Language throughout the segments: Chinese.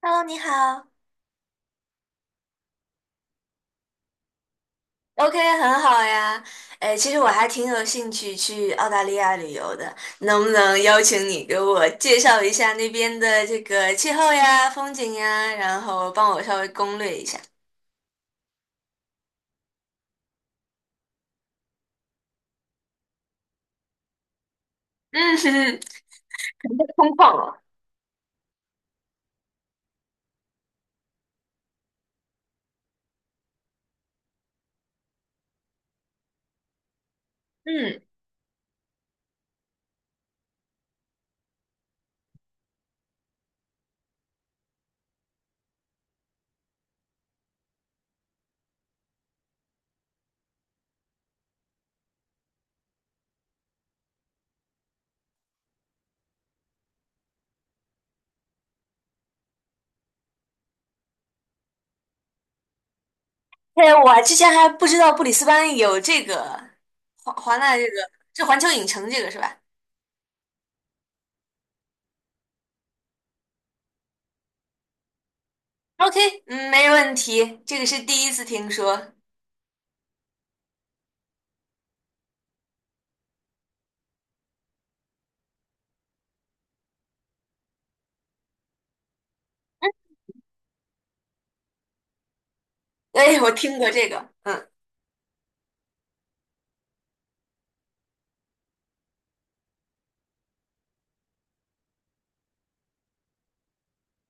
Hello，你好。OK，很好呀。哎，其实我还挺有兴趣去澳大利亚旅游的，能不能邀请你给我介绍一下那边的这个气候呀、风景呀，然后帮我稍微攻略一下？嗯，哼哼，很空旷了。嗯，对，我之前还不知道布里斯班有这个华这个是环球影城这个是吧？OK，嗯，没问题，这个是第一次听说。哎，我听过这个，嗯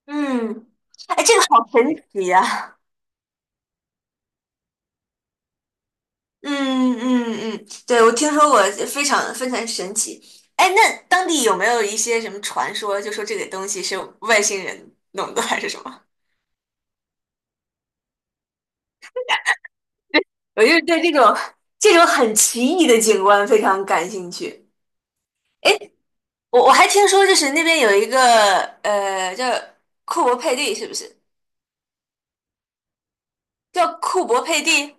嗯，哎，这个好神奇呀、嗯嗯嗯，对，我听说过，非常非常神奇。哎，那当地有没有一些什么传说，就说这个东西是外星人弄的，还是什么？我就是对这种很奇异的景观非常感兴趣。哎，我还听说，就是那边有一个叫库珀佩蒂，是不是叫库珀佩蒂？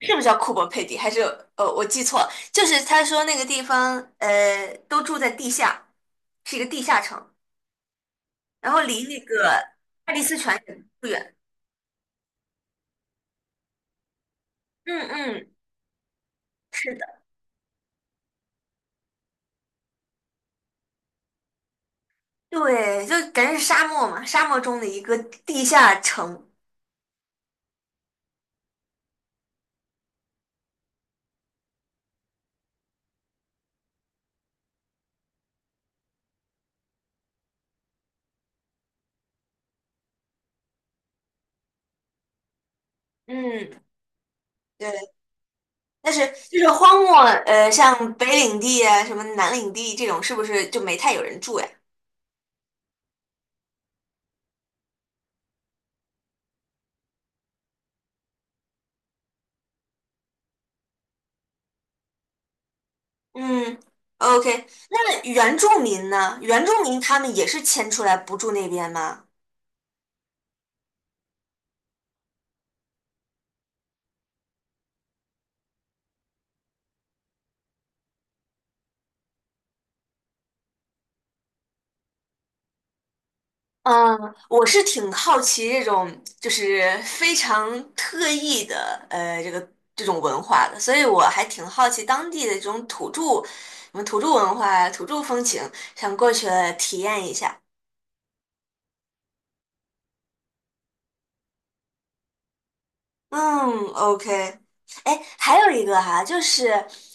是不是叫库珀佩蒂？还是我记错了，就是他说那个地方都住在地下，是一个地下城。然后离那个爱丽丝泉也不远。嗯嗯，是的，对，就感觉是沙漠嘛，沙漠中的一个地下城。嗯，对，但是就是荒漠，像北领地啊，什么南领地这种，是不是就没太有人住呀？嗯，OK，那原住民呢？原住民他们也是迁出来不住那边吗？嗯，我是挺好奇这种就是非常特异的这个这种文化的，所以我还挺好奇当地的这种土著，什么土著文化、呀、土著风情，想过去体验一下。嗯，OK。哎，还有一个哈，就是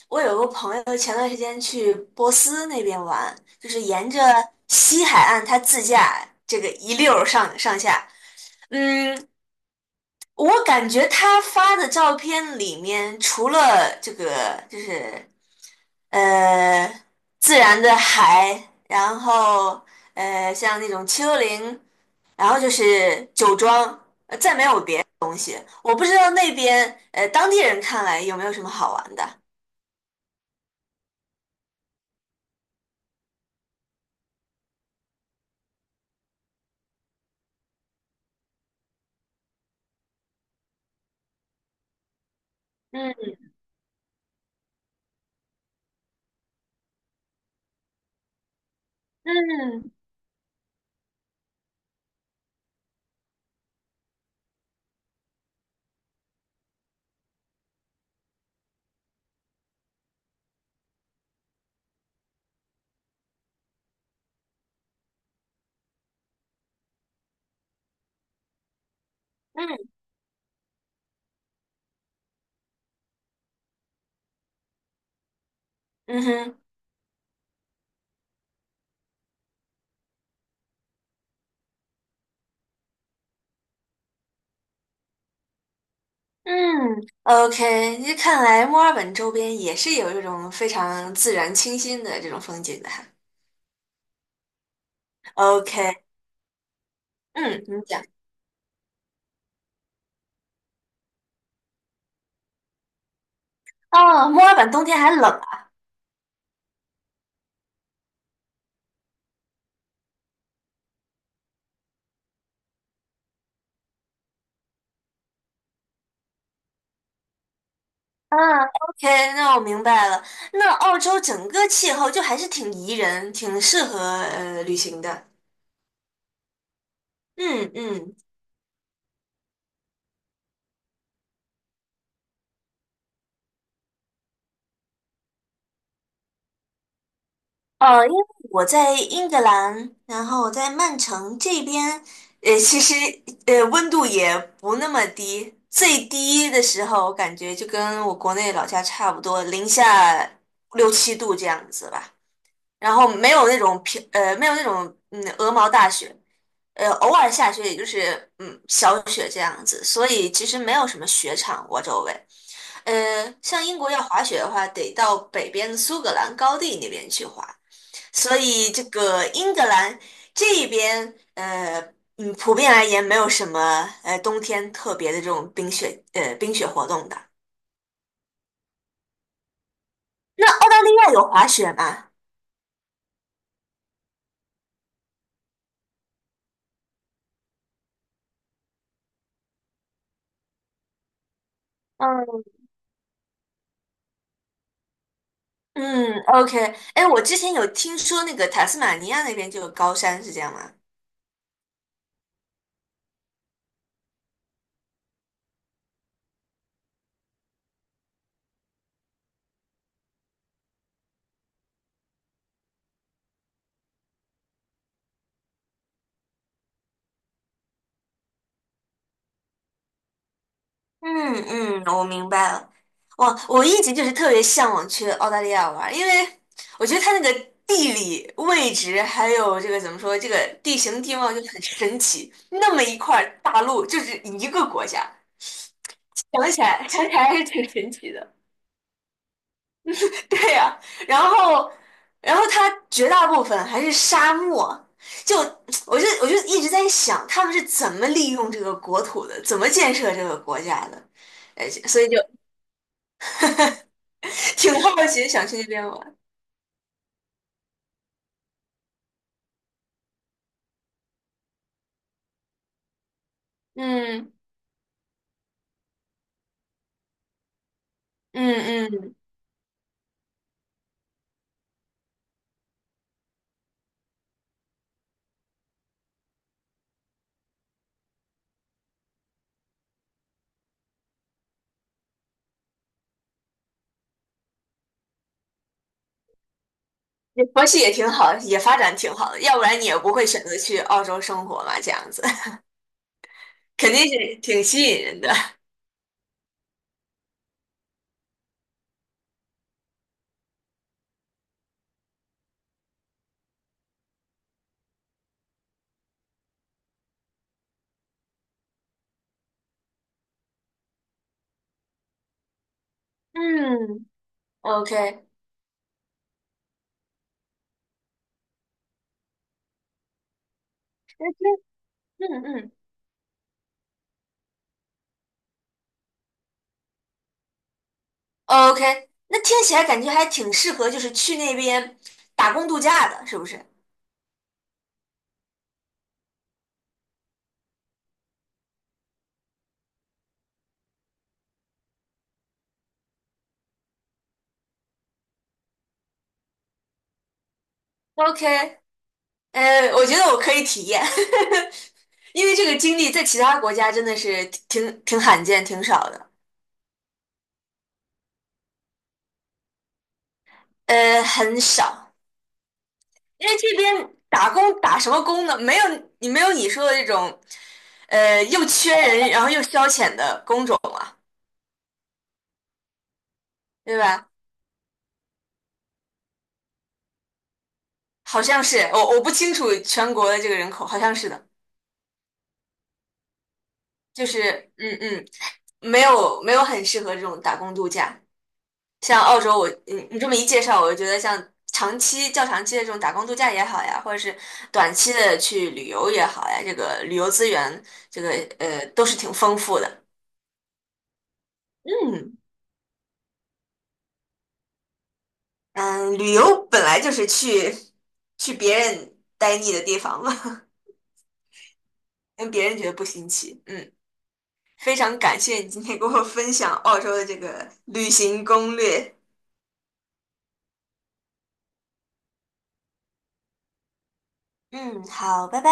我有个朋友前段时间去波斯那边玩，就是沿着西海岸他自驾这个一溜儿上上下。嗯，我感觉他发的照片里面，除了这个就是呃自然的海，然后像那种丘陵，然后就是酒庄，呃再没有别。我不知道那边当地人看来有没有什么好玩的。嗯嗯嗯，嗯哼，嗯，OK，那看来墨尔本周边也是有这种非常自然清新的这种风景的哈。OK，嗯，你讲。哦，墨尔本冬天还冷啊。嗯，OK，那我明白了。那澳洲整个气候就还是挺宜人，挺适合旅行的。嗯嗯，因为我在英格兰，然后我在曼城这边，其实温度也不那么低，最低的时候我感觉就跟我国内老家差不多，零下六七度这样子吧。然后没有那种没有那种鹅毛大雪，偶尔下雪也就是小雪这样子，所以其实没有什么雪场我周围。像英国要滑雪的话，得到北边的苏格兰高地那边去滑，所以这个英格兰这边普遍而言没有什么冬天特别的这种冰雪活动的。那澳大利亚有滑雪吗？嗯。嗯，OK，哎，我之前有听说那个塔斯马尼亚那边就有高山，是这样吗？嗯嗯，我明白了。我一直就是特别向往去澳大利亚玩儿，因为我觉得它那个地理位置还有这个怎么说，这个地形地貌就很神奇。那么一块儿大陆就是一个国家，想起来还是挺神奇的。对呀、然后，然后它绝大部分还是沙漠，就 我就一直在想，他们是怎么利用这个国土的，怎么建设这个国家的，呃，所以就 挺好奇，想去那边玩。嗯嗯嗯，也佛系也挺好，也发展挺好的，要不然你也不会选择去澳洲生活嘛，这样子 肯定是挺吸引人的。嗯，OK，嗯嗯。OK，那听起来感觉还挺适合，就是去那边打工度假的，是不是？OK，呃，我觉得我可以体验，因为这个经历在其他国家真的是挺罕见、挺少的，呃，很少。因为这边打工打什么工呢？没有你说的这种，呃，又缺人，然后又消遣的工种啊，对吧？好像是，我不清楚全国的这个人口，好像是的，就是嗯嗯。没有很适合这种打工度假。像澳洲我，你这么一介绍，我就觉得像长期较长期的这种打工度假也好呀，或者是短期的去旅游也好呀，这个旅游资源，这个都是挺丰富的。嗯嗯，旅游本来就是去别人待腻的地方嘛，让别人觉得不新奇。嗯，非常感谢你今天给我分享澳洲的这个旅行攻略。嗯，好，拜拜。